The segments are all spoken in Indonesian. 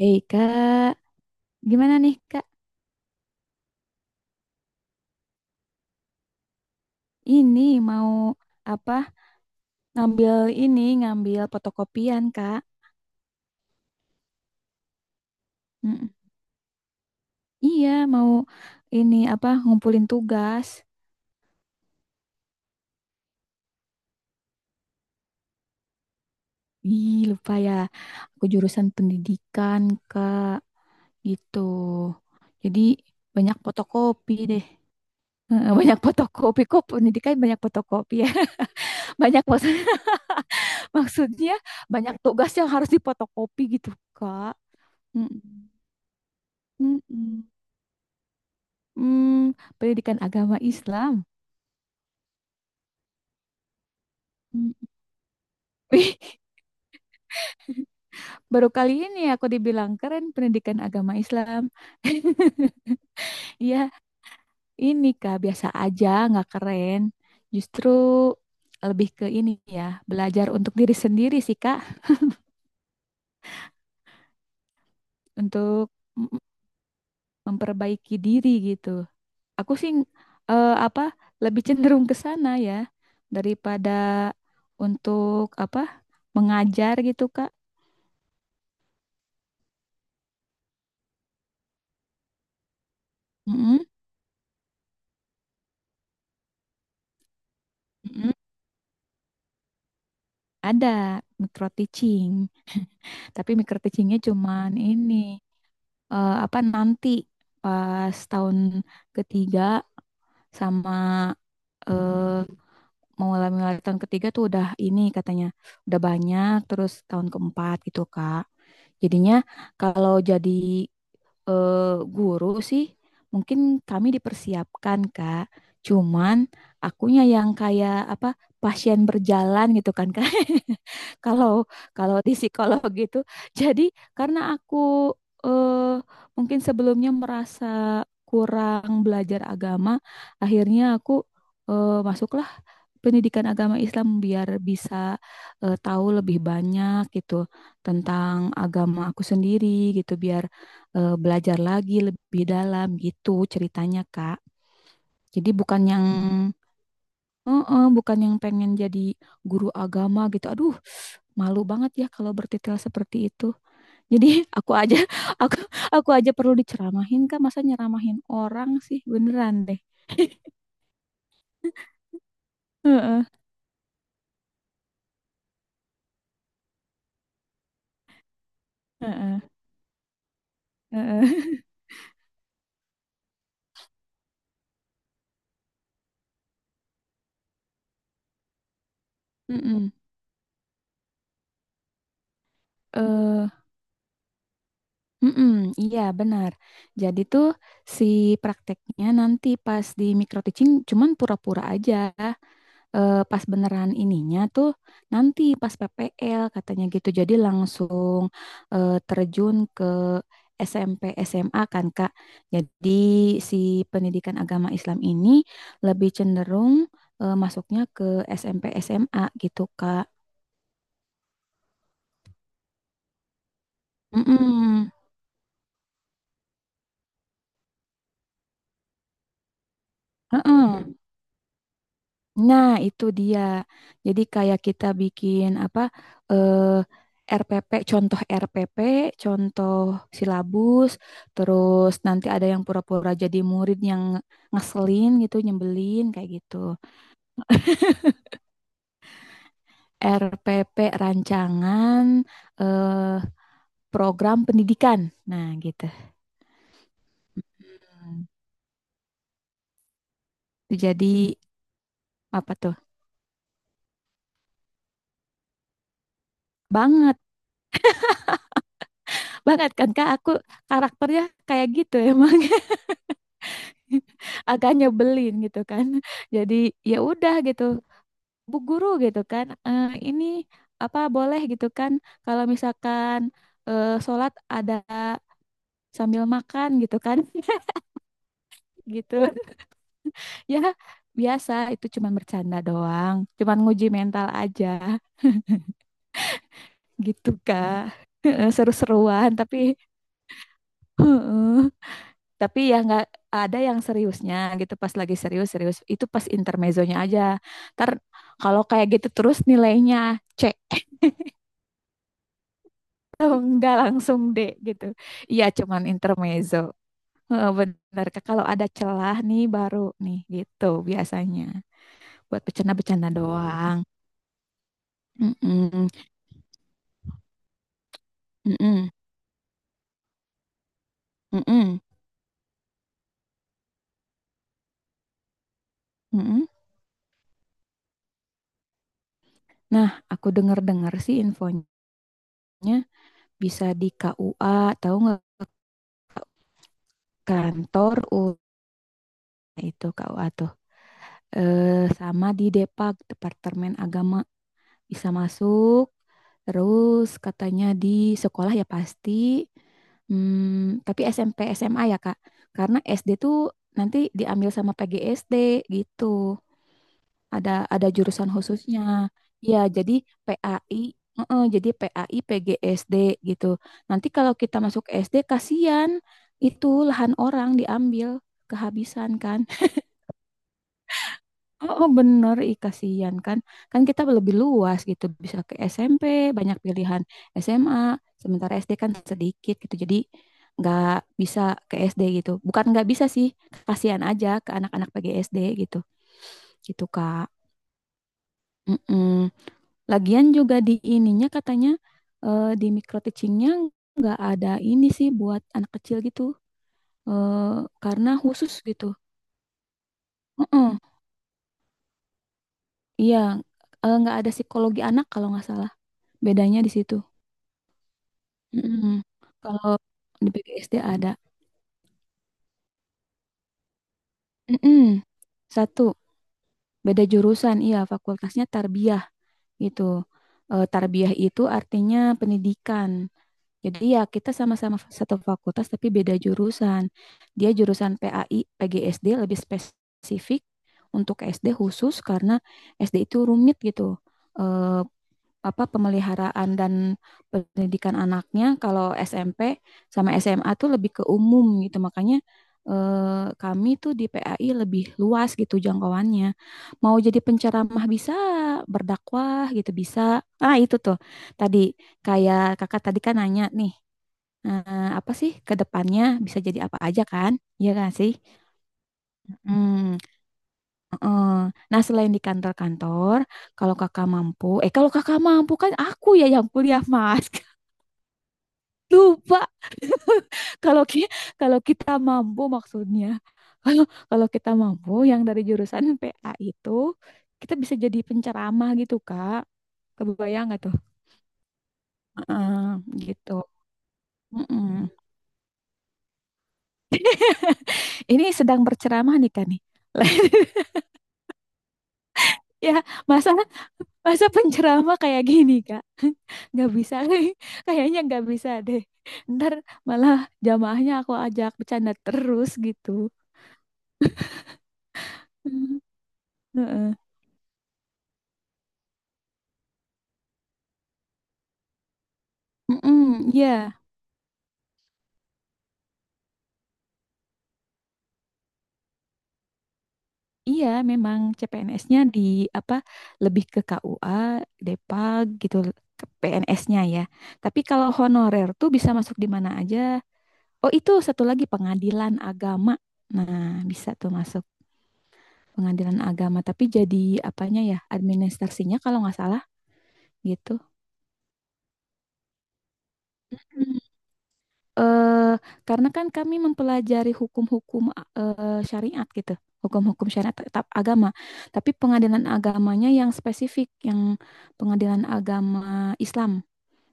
Hei kak, gimana nih kak? Ini mau apa? Ngambil ini, ngambil fotokopian kak. Mm-mm. Iya, mau ini apa? Ngumpulin tugas. Ih, lupa ya. Aku jurusan pendidikan kak, gitu. Jadi banyak fotokopi deh. Heeh, banyak fotokopi kok pendidikan banyak fotokopi ya. Banyak maksud- maksudnya banyak tugas yang harus dipotokopi gitu kak. Mm-mm. Mm-mm. Hmm, Pendidikan agama Islam. Hmm. Wih, baru kali ini aku dibilang keren pendidikan agama Islam. Iya, ini Kak, biasa aja, nggak keren. Justru lebih ke ini ya, belajar untuk diri sendiri sih Kak, untuk m- memperbaiki diri gitu. Aku sih apa lebih cenderung ke sana ya daripada untuk apa mengajar gitu Kak. Mm-mm, mm-mm. Ada micro teaching. Tapi micro teachingnya cuman ini apa nanti pas tahun ketiga sama eh, mau mulai tahun ketiga tuh udah ini katanya udah banyak terus tahun keempat gitu Kak. Jadinya kalau jadi guru sih mungkin kami dipersiapkan Kak. Cuman akunya yang kayak apa pasien berjalan gitu kan Kak. Kalau kalau di psikolog gitu. Jadi karena aku eh, mungkin sebelumnya merasa kurang belajar agama, akhirnya aku masuklah pendidikan agama Islam biar bisa tahu lebih banyak gitu tentang agama aku sendiri gitu biar belajar lagi lebih dalam gitu ceritanya Kak. Jadi bukan yang Heeh, bukan yang pengen jadi guru agama gitu. Aduh, malu banget ya kalau bertitel seperti itu. Jadi aku aja aku aku aja perlu diceramahin Kak, masa nyeramahin orang sih beneran deh. Heeh, heeh, heeh. Mm-mm. Eh, mm-mm, iya benar. Jadi tuh si prakteknya nanti pas di micro teaching cuman pura-pura aja. Pas beneran ininya tuh nanti pas PPL katanya gitu. Jadi langsung terjun ke SMP SMA kan Kak. Jadi si pendidikan agama Islam ini lebih cenderung masuknya ke SMP SMA gitu Kak. Mm-mm. Heeh. Nah, itu dia. Jadi kayak kita bikin apa eh, RPP, contoh RPP, contoh silabus, terus nanti ada yang pura-pura jadi murid yang ngeselin gitu, nyebelin kayak gitu. RPP rancangan eh, program pendidikan. Nah, gitu. Hmm. Jadi apa tuh? Banget, banget kan Kak, aku karakternya kayak gitu emang. Agak nyebelin gitu kan. Jadi ya udah gitu, Bu Guru gitu kan, "Eh, ini apa boleh gitu kan, kalau misalkan sholat ada sambil makan gitu kan, gitu. Ya biasa itu cuman bercanda doang, cuman nguji mental aja gitu Kak. Seru-seruan tapi tapi ya nggak ada yang seriusnya gitu pas lagi serius serius itu pas intermezzonya aja ntar kalau kayak gitu terus nilainya C atau nggak langsung D gitu iya cuman intermezzo. Heeh, bener Kak. Kalau ada celah nih baru nih gitu biasanya buat bercanda-bercanda doang. Mm-mm, mm-mm, mm-mm, mm-mm. Nah, aku dengar-dengar sih infonya bisa di KUA, tahu nggak, kantor U, nah itu KUA tuh sama di Departemen Agama bisa masuk, terus katanya di sekolah ya pasti. Tapi SMP SMA ya Kak, karena SD tuh nanti diambil sama PGSD gitu, ada jurusan khususnya. Ya jadi PAI, heeh, jadi PAI PGSD gitu nanti, kalau kita masuk SD kasihan, itu lahan orang diambil kehabisan kan. Oh, oh, bener, ih kasihan kan. Kan kita lebih luas gitu, bisa ke SMP, banyak pilihan SMA, sementara SD kan sedikit gitu. Jadi nggak bisa ke SD gitu. Bukan nggak bisa sih, kasihan aja ke anak-anak PGSD gitu. Gitu, Kak. Mm-mm. Lagian juga di ininya katanya di micro teachingnya nggak ada ini sih buat anak kecil gitu. Eh, karena khusus gitu. Mm-mm. Iya, nggak ada psikologi anak kalau nggak salah. Bedanya di situ. Mm-mm. Kalau di PGSD ada. Mm-mm. Satu, beda jurusan. Iya, fakultasnya tarbiyah gitu. Tarbiyah itu artinya pendidikan. Jadi ya kita sama-sama satu fakultas tapi beda jurusan. Dia jurusan PAI, PGSD lebih spesifik untuk SD khusus karena SD itu rumit gitu. Eh, Apa pemeliharaan dan pendidikan anaknya, kalau SMP sama SMA tuh lebih ke umum gitu, makanya kami tuh di PAI lebih luas gitu jangkauannya, mau jadi penceramah bisa, berdakwah gitu bisa. Ah, itu tuh tadi, kayak kakak tadi kan nanya nih, apa sih ke depannya bisa jadi apa aja kan. Iya gak sih. Hmm. Heeh. Nah, selain di kantor-kantor, kalau kakak mampu kan aku ya yang kuliah, Mas. Lupa. Kalau kita kalau kita mampu maksudnya. Kalau kalau kita mampu, yang dari jurusan PA itu kita bisa jadi penceramah gitu, Kak. Kebayang nggak tuh? Heeh, gitu. Mm-mm. Ini sedang berceramah nih Kak nih. Ya, masa masa penceramah kayak gini, Kak? Nggak bisa, kayaknya nggak bisa deh. Ntar malah jamaahnya aku ajak bercanda terus gitu. Hmm. Heeh. Mm-mm. Iya, iya memang CPNS-nya di apa lebih ke KUA, Depag gitu, ke PNS-nya ya. Tapi kalau honorer tuh bisa masuk di mana aja. Oh, itu satu lagi pengadilan agama. Nah, bisa tuh masuk. Pengadilan agama, tapi jadi apanya ya, administrasinya kalau nggak salah gitu. Hmm. Eh, karena kan kami mempelajari hukum-hukum syariat gitu, hukum-hukum syariat tetap agama, tapi pengadilan agamanya yang spesifik, yang pengadilan agama Islam,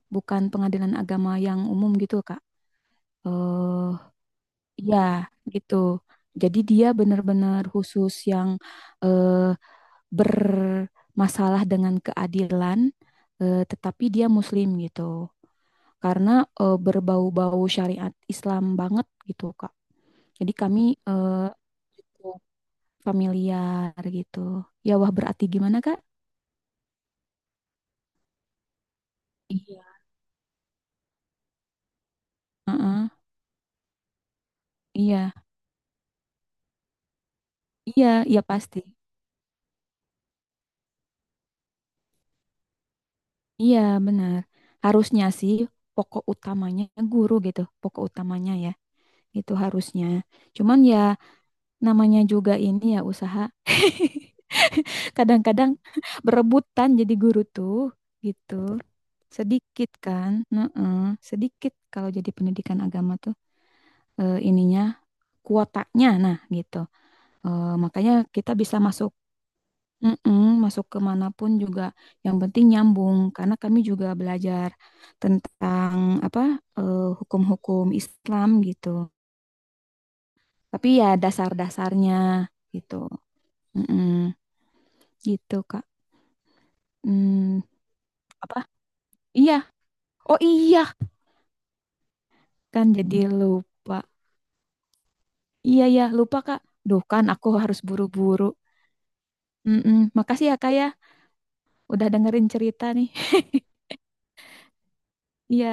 bukan pengadilan agama yang umum gitu, Kak. Eh, Iya, gitu. Jadi dia benar-benar khusus yang eh, bermasalah dengan keadilan, tetapi dia Muslim gitu. Karena berbau-bau syariat Islam banget gitu, Kak. Jadi kami eh, cukup familiar gitu. Ya, wah berarti gimana, Kak? Iya. Heeh, iya, iya, iya pasti. Iya, benar. Harusnya sih pokok utamanya guru gitu, pokok utamanya ya. Itu harusnya. Cuman ya namanya juga ini ya usaha. Kadang-kadang berebutan jadi guru tuh gitu. Sedikit kan, heeh, sedikit kalau jadi pendidikan agama tuh ininya kuotanya, nah gitu. Makanya kita bisa masuk, mm-mm, masuk ke manapun juga, yang penting nyambung karena kami juga belajar tentang apa hukum-hukum Islam gitu. Tapi ya dasar-dasarnya gitu. Mm-mm, gitu Kak. Hmm, apa? Iya. Oh iya, kan jadi lupa. Iya ya lupa Kak. Duh, kan aku harus buru-buru. Mm-mm. Makasih ya Kak ya, udah dengerin cerita nih. Iya.